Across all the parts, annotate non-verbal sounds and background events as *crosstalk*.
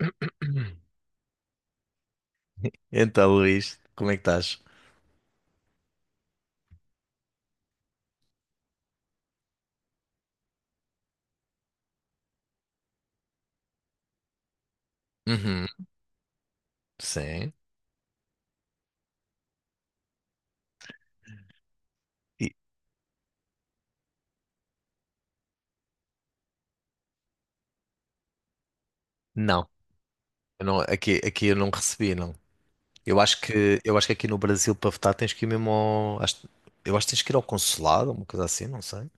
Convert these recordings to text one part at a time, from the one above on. *coughs* Então, Luís, como é que estás? Uhum, sim. E- não, eu não- aqui, eu não recebi, não. Eu acho que aqui no Brasil para votar tens que ir mesmo ao, eu acho que tens que ir ao consulado, uma coisa assim, não sei.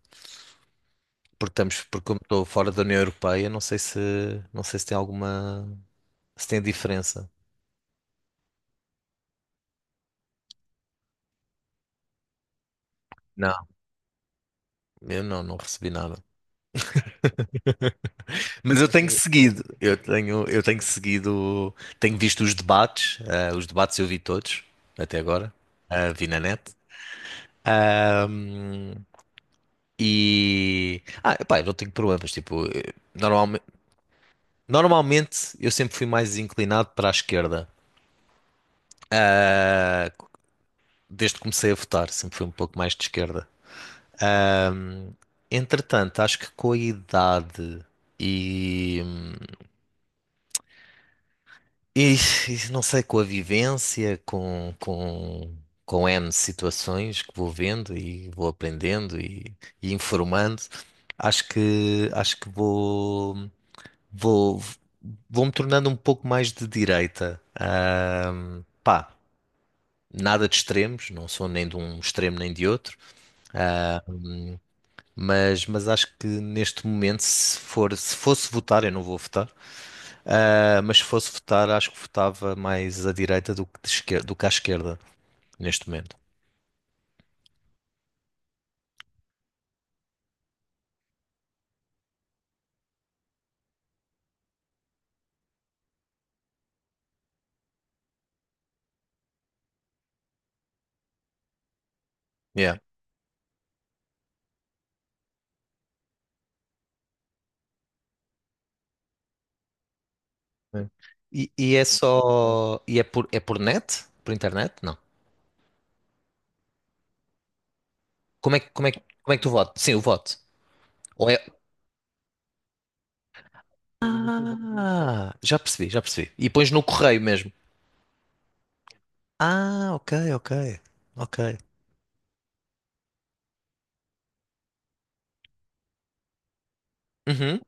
Porque como estou fora da União Europeia, não sei se tem alguma, se tem diferença. Não, eu não, não recebi nada. Mas eu tenho seguido, eu tenho seguido, tenho visto os debates, os debates eu vi todos até agora, vi na net. Um, Ah, pá, eu não tenho problemas. Tipo, normalmente, normalmente eu sempre fui mais inclinado para a esquerda. Ah, desde que comecei a votar, sempre fui um pouco mais de esquerda. Entretanto, acho que com a idade e. E não sei, com a vivência, com N situações que vou vendo e vou aprendendo e informando, acho que vou. Vou, vou-me tornando um pouco mais de direita. Ah, pá, nada de extremos, não sou nem de um extremo nem de outro, mas acho que neste momento, se fosse votar, eu não vou votar, ah, mas se fosse votar, acho que votava mais à direita do que, do que à esquerda, neste momento. Yeah. É. E é só. É por net? Por internet? Não. Como é que tu votas? Sim, o voto. Ou é. Ah, já percebi, já percebi. E pões no correio mesmo. Ah, ok, ok, ok. Uhum.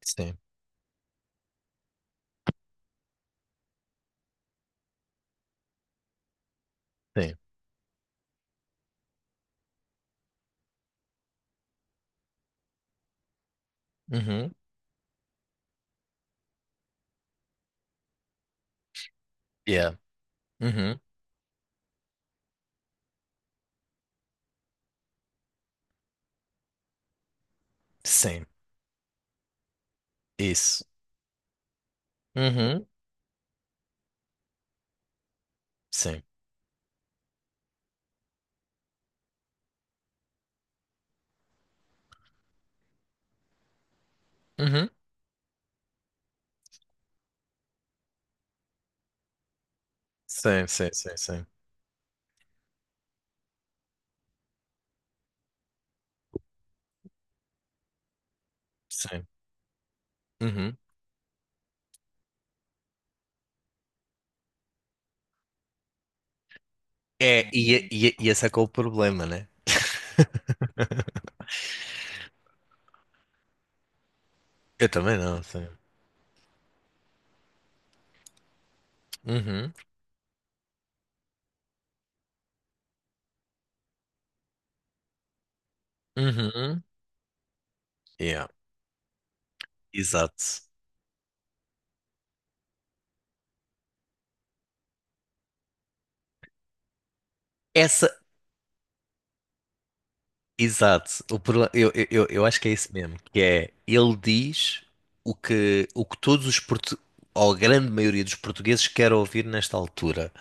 Sim, sim. Uhum. Yeah. Uhum. Sim, isso. Uhum. Sim. Uhum. Sim, sim, sim, sim. Sim. Uhum. É, e esse é que é o problema, né? *laughs* Eu também não, sim. Uhum. Uhum. Yeah. Exato. Essa, exato. O problema, eu acho que é isso mesmo, que é, ele diz o que todos ou a grande maioria dos portugueses quer ouvir nesta altura.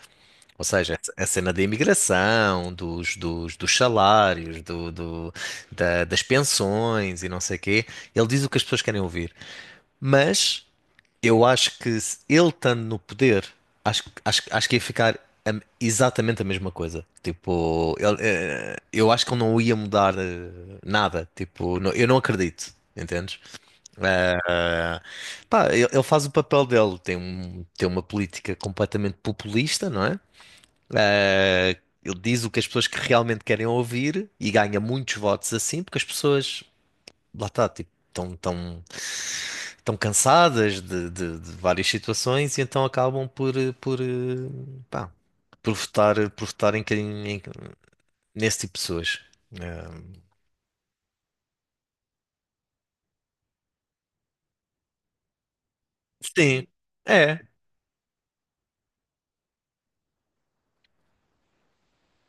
Ou seja, a cena da imigração, dos salários, das pensões e não sei o quê, ele diz o que as pessoas querem ouvir. Mas eu acho que se ele estando no poder, acho que ia ficar exatamente a mesma coisa. Tipo, ele, eu acho que ele não ia mudar nada. Tipo, eu não acredito, entendes? Eh, pá, ele faz o papel dele, tem uma política completamente populista, não é? Ah, ele diz o que as pessoas que realmente querem ouvir e ganha muitos votos assim, porque as pessoas, lá está, tipo, estão tão cansadas de, de várias situações e então acabam por, por, eh, pá, por votar em, nesse tipo de pessoas. Ah, sim, é,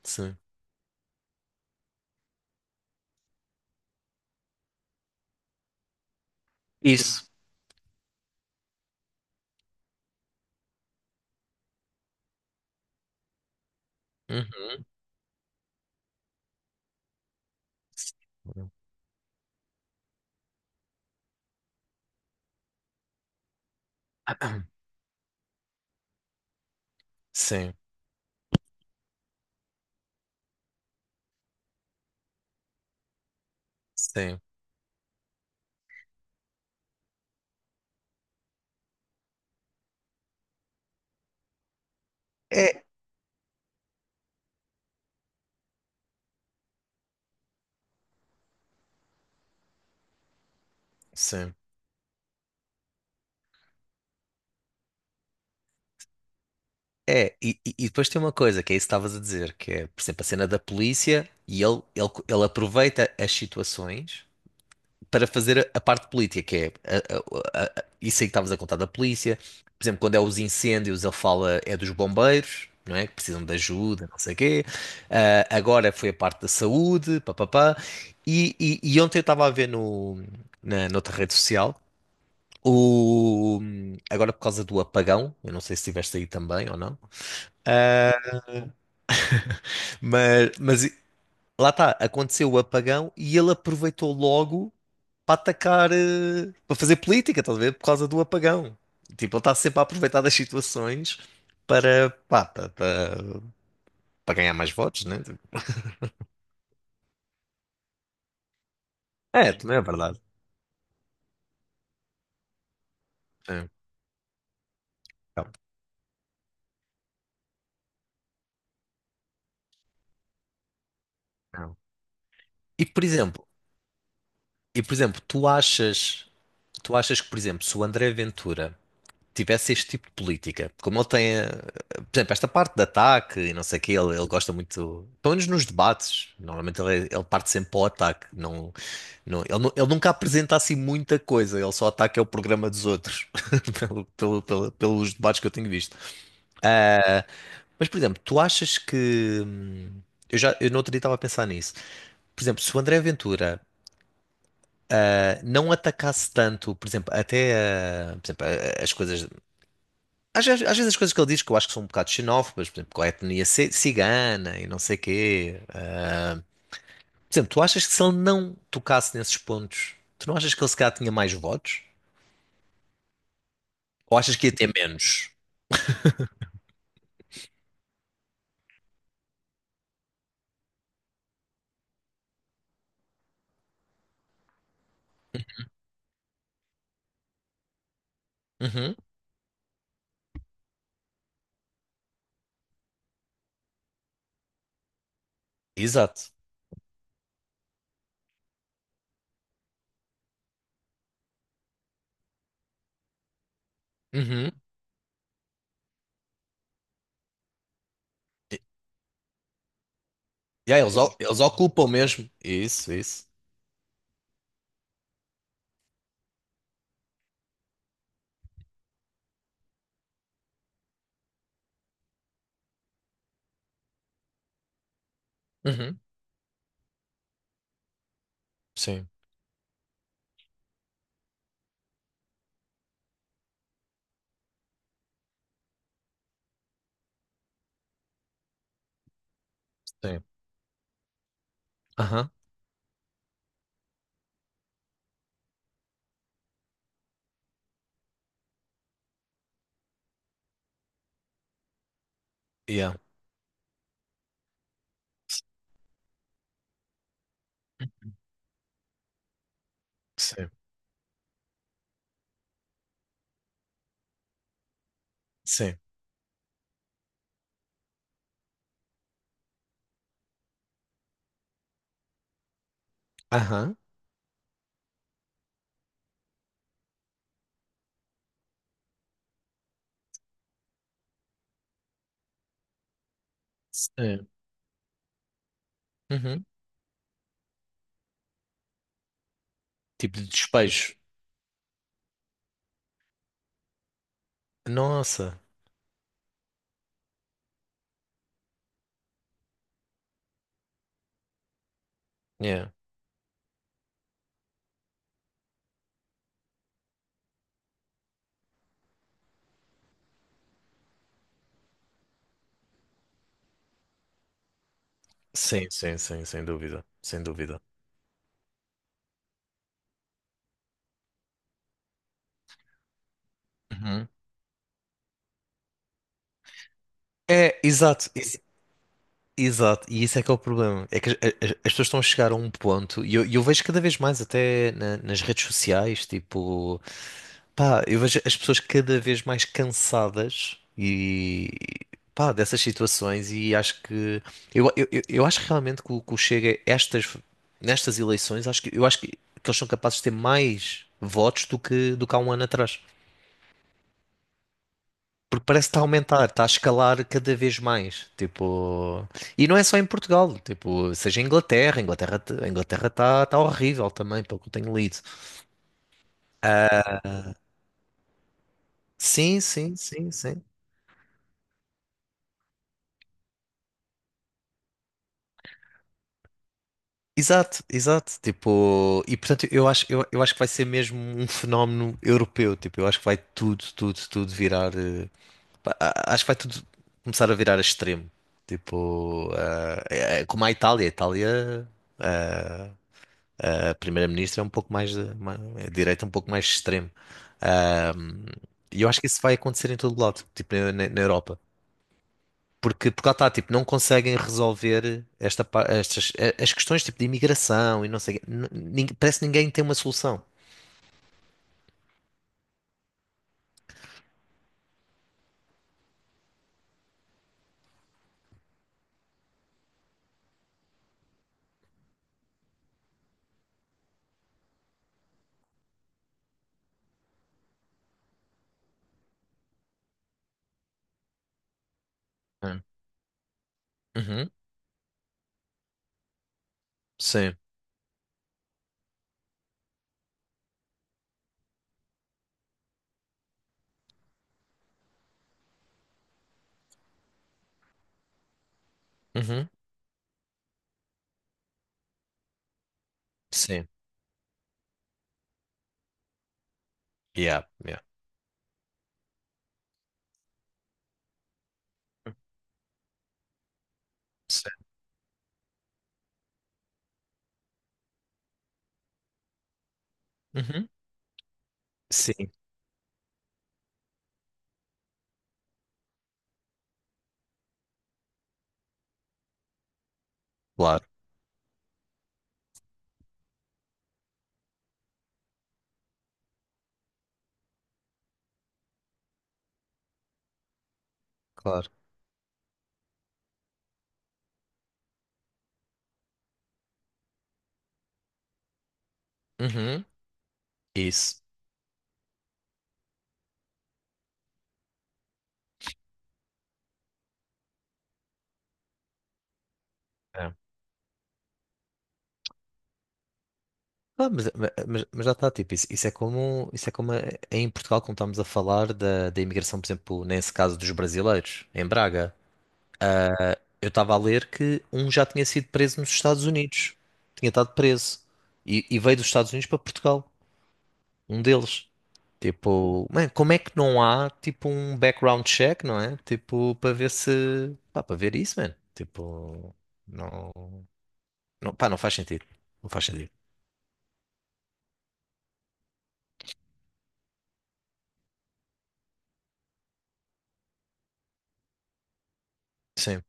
sim. Isso. Uhum. Sim, sim, é, sim. É, e, e depois tem uma coisa que é isso que estavas a dizer, que é, por exemplo, a cena da polícia e ele aproveita as situações para fazer a parte política, que é isso aí que estavas a contar da polícia. Por exemplo, quando é os incêndios, ele fala é dos bombeiros, não é? Que precisam de ajuda, não sei o quê. Ah, agora foi a parte da saúde, papapá. E ontem eu estava a ver no, na, noutra rede social. O, agora por causa do apagão, eu não sei se estiveste aí também ou não, Mas, lá está, aconteceu o apagão e ele aproveitou logo para atacar, para fazer política, estás a ver? Por causa do apagão. Tipo, ele está sempre a aproveitar das situações para, pá, para ganhar mais votos, né? Tipo, é, também é verdade. É. Não, não. E por exemplo, e por exemplo, tu achas que, por exemplo, se o André Ventura tivesse este tipo de política. Como ele tem, por exemplo, esta parte de ataque e não sei o quê, ele gosta muito, pelo menos nos debates, normalmente ele parte sempre para o ataque, não, não, ele, ele nunca apresenta assim muita coisa, ele só ataca o programa dos outros, *laughs* pelos debates que eu tenho visto. Ah, mas, por exemplo, tu achas que... Eu já, eu no outro dia estava a pensar nisso. Por exemplo, se o André Ventura ah, não atacasse tanto, por exemplo, até ah, por exemplo, ah, as coisas às vezes as coisas que ele diz que eu acho que são um bocado xenófobas, por exemplo, com a etnia cigana e não sei quê. Por exemplo, tu achas que se ele não tocasse nesses pontos, tu não achas que ele se calhar tinha mais votos? Ou achas que ia ter menos? Uhum, exato. Uhum. E, e aí, eles ocupam mesmo. Isso, isso. Uhum. Sim, sim. Aham. Yeah. Sim, sim. Aham. Sim. Uhum. Tipo de despejo. Nossa. Yeah. Sim, sim, sim, sem dúvida. Sem dúvida. Uhum. É, exato, exato, e isso é que é o problema. É que as pessoas estão a chegar a um ponto, e eu, vejo cada vez mais, até nas redes sociais, tipo, pá, eu vejo as pessoas cada vez mais cansadas e pá, dessas situações, e acho que eu acho realmente que o Chega, estas, nestas eleições, acho que eu acho que eles são capazes de ter mais votos do que há um ano atrás. Porque parece que está a aumentar, está a escalar cada vez mais. Tipo, e não é só em Portugal, tipo, seja em Inglaterra, a Inglaterra está tá horrível também, pelo que eu tenho lido. Sim, sim, sim, sim. Exato, exato. Tipo, e portanto eu acho, eu acho que vai ser mesmo um fenómeno europeu. Tipo, eu acho que vai tudo, tudo, tudo virar. Pá, acho que vai tudo começar a virar a extremo. Tipo, é como a Itália. A Itália eh, a primeira-ministra é um pouco mais de, é de direita é um pouco mais extremo. Ah, e eu acho que isso vai acontecer em todo lado, tipo na Europa. Porque, porque lá está, tipo, não conseguem resolver esta, estas, as questões tipo de imigração e não sei, o quê. Parece que ninguém tem uma solução. Hum. Uhum. Sim. Uhum. Sim. Yeah. Yeah. Sim. Uhum. Sim. Claro. Claro. Uhum. Isso. É. Ah, mas, mas já está, tipo, isso, isso é como é em Portugal, como estamos a falar da, da imigração, por exemplo, nesse caso dos brasileiros, em Braga. Eu estava a ler que um já tinha sido preso nos Estados Unidos. Tinha estado preso. E veio dos Estados Unidos para Portugal. Um deles. Tipo, man, como é que não há, tipo, um background check, não é? Tipo, para ver se... Pá, para ver isso, man. Tipo, não... não pá, não faz sentido. Não faz sentido. Sim,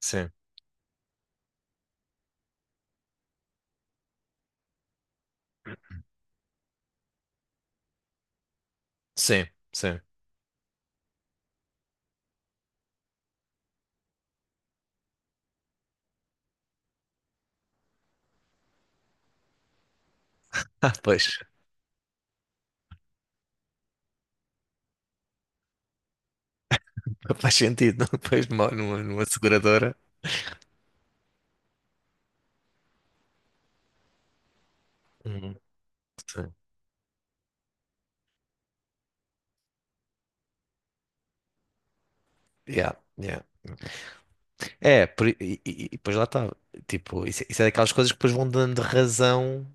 sim, sim, sim. *laughs* Ah, pois. *laughs* Faz sentido, não? Depois numa, numa seguradora. Uhum, sim. Yeah, yeah. É, por e depois lá está. Tipo, isso é daquelas coisas que depois vão dando razão.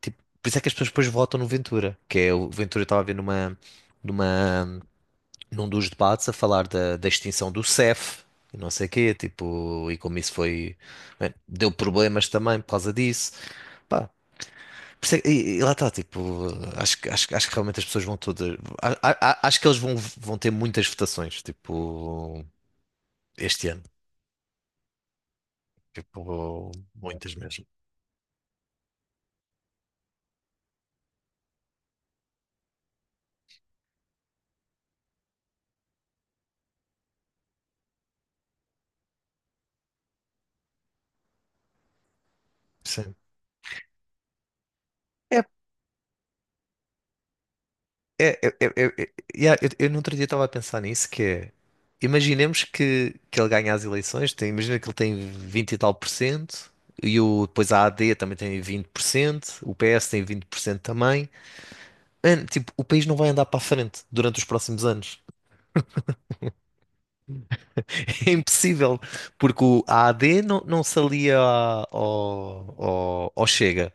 Tipo, por isso é que as pessoas depois votam no Ventura. Que é, o Ventura estava a ver numa, numa, num dos debates a falar da, da extinção do CEF e não sei o quê. Tipo, e como isso foi. Bem, deu problemas também por causa disso. Por isso é que- E, lá está, tipo, acho que realmente as pessoas vão todas. Acho que eles vão, ter muitas votações, tipo, este ano. Tipo, muitas mesmo. Sim. É, yeah, eu no outro dia estava a pensar nisso, que é. Imaginemos que ele ganha as eleições, imagina que ele tem 20 e tal por cento, e o, depois a AD também tem 20%, o PS tem 20% também. Mano, tipo, o país não vai andar para a frente durante os próximos anos. *laughs* É impossível, porque o A AD não, não se alia ao, ao Chega.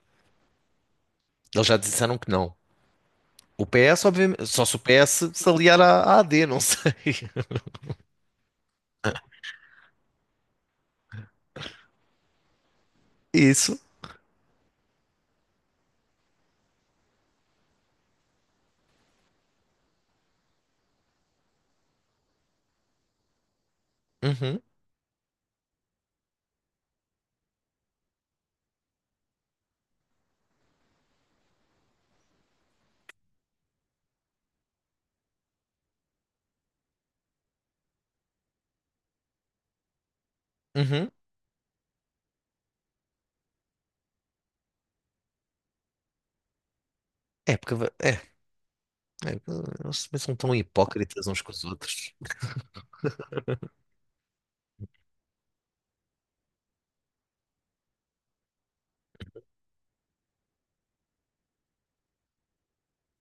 Eles já disseram que não. O PS, obviamente, só se o PS se aliar à AD, não sei. *laughs* Isso. Uhum, uhum. É, porque é, é, eles também são tão hipócritas uns com os outros.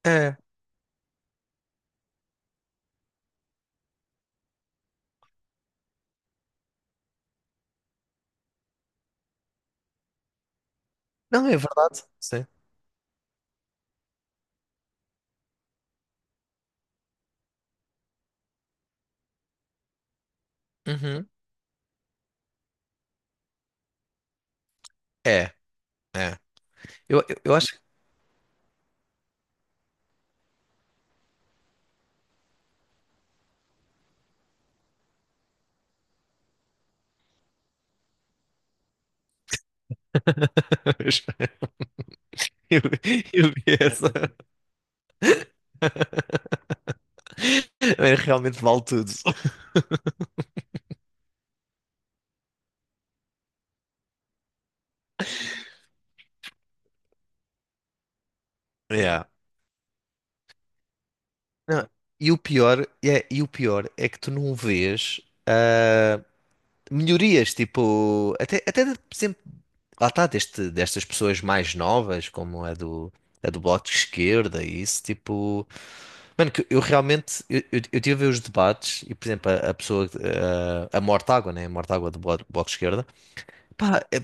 É, não, é verdade. Sim. Uhum. É, é. Eu acho que. *laughs* Eu, eu vi essa. *laughs* Realmente vale tudo. Yeah. Não, e o pior é que tu não vês ah, melhorias, tipo, até por exemplo, lá está, destas pessoas mais novas, como a do Bloco de Esquerda e isso, tipo, mano, que eu realmente, eu tive a ver os debates e, por exemplo, a pessoa, ah, a Mortágua, né, a Mortágua do Bloco, Bloco de Esquerda, pá, é-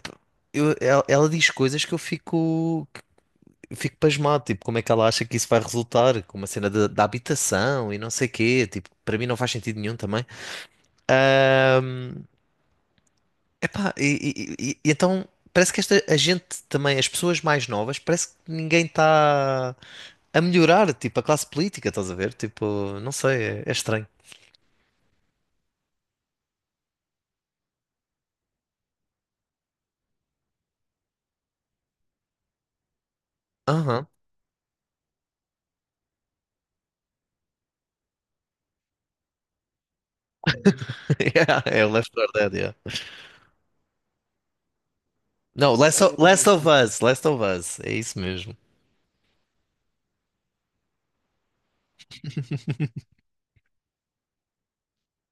eu- ela diz coisas que eu fico pasmado, tipo, como é que ela acha que isso vai resultar com uma cena da habitação e não sei quê, tipo, para mim não faz sentido nenhum também. Ahm, epá, e, e então parece que a gente também, as pessoas mais novas, parece que ninguém está a melhorar, tipo, a classe política, estás a ver? Tipo, não sei, é, é estranho. Aham. *laughs* Yeah, é o Left 4 Dead, yeah. Não, Last of Us, é isso mesmo.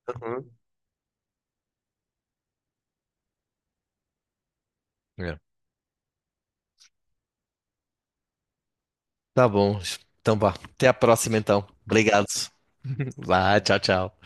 Uhum. Yeah. Tá bom, então vá, até à próxima então. Obrigado. *laughs* Vai, tchau, tchau.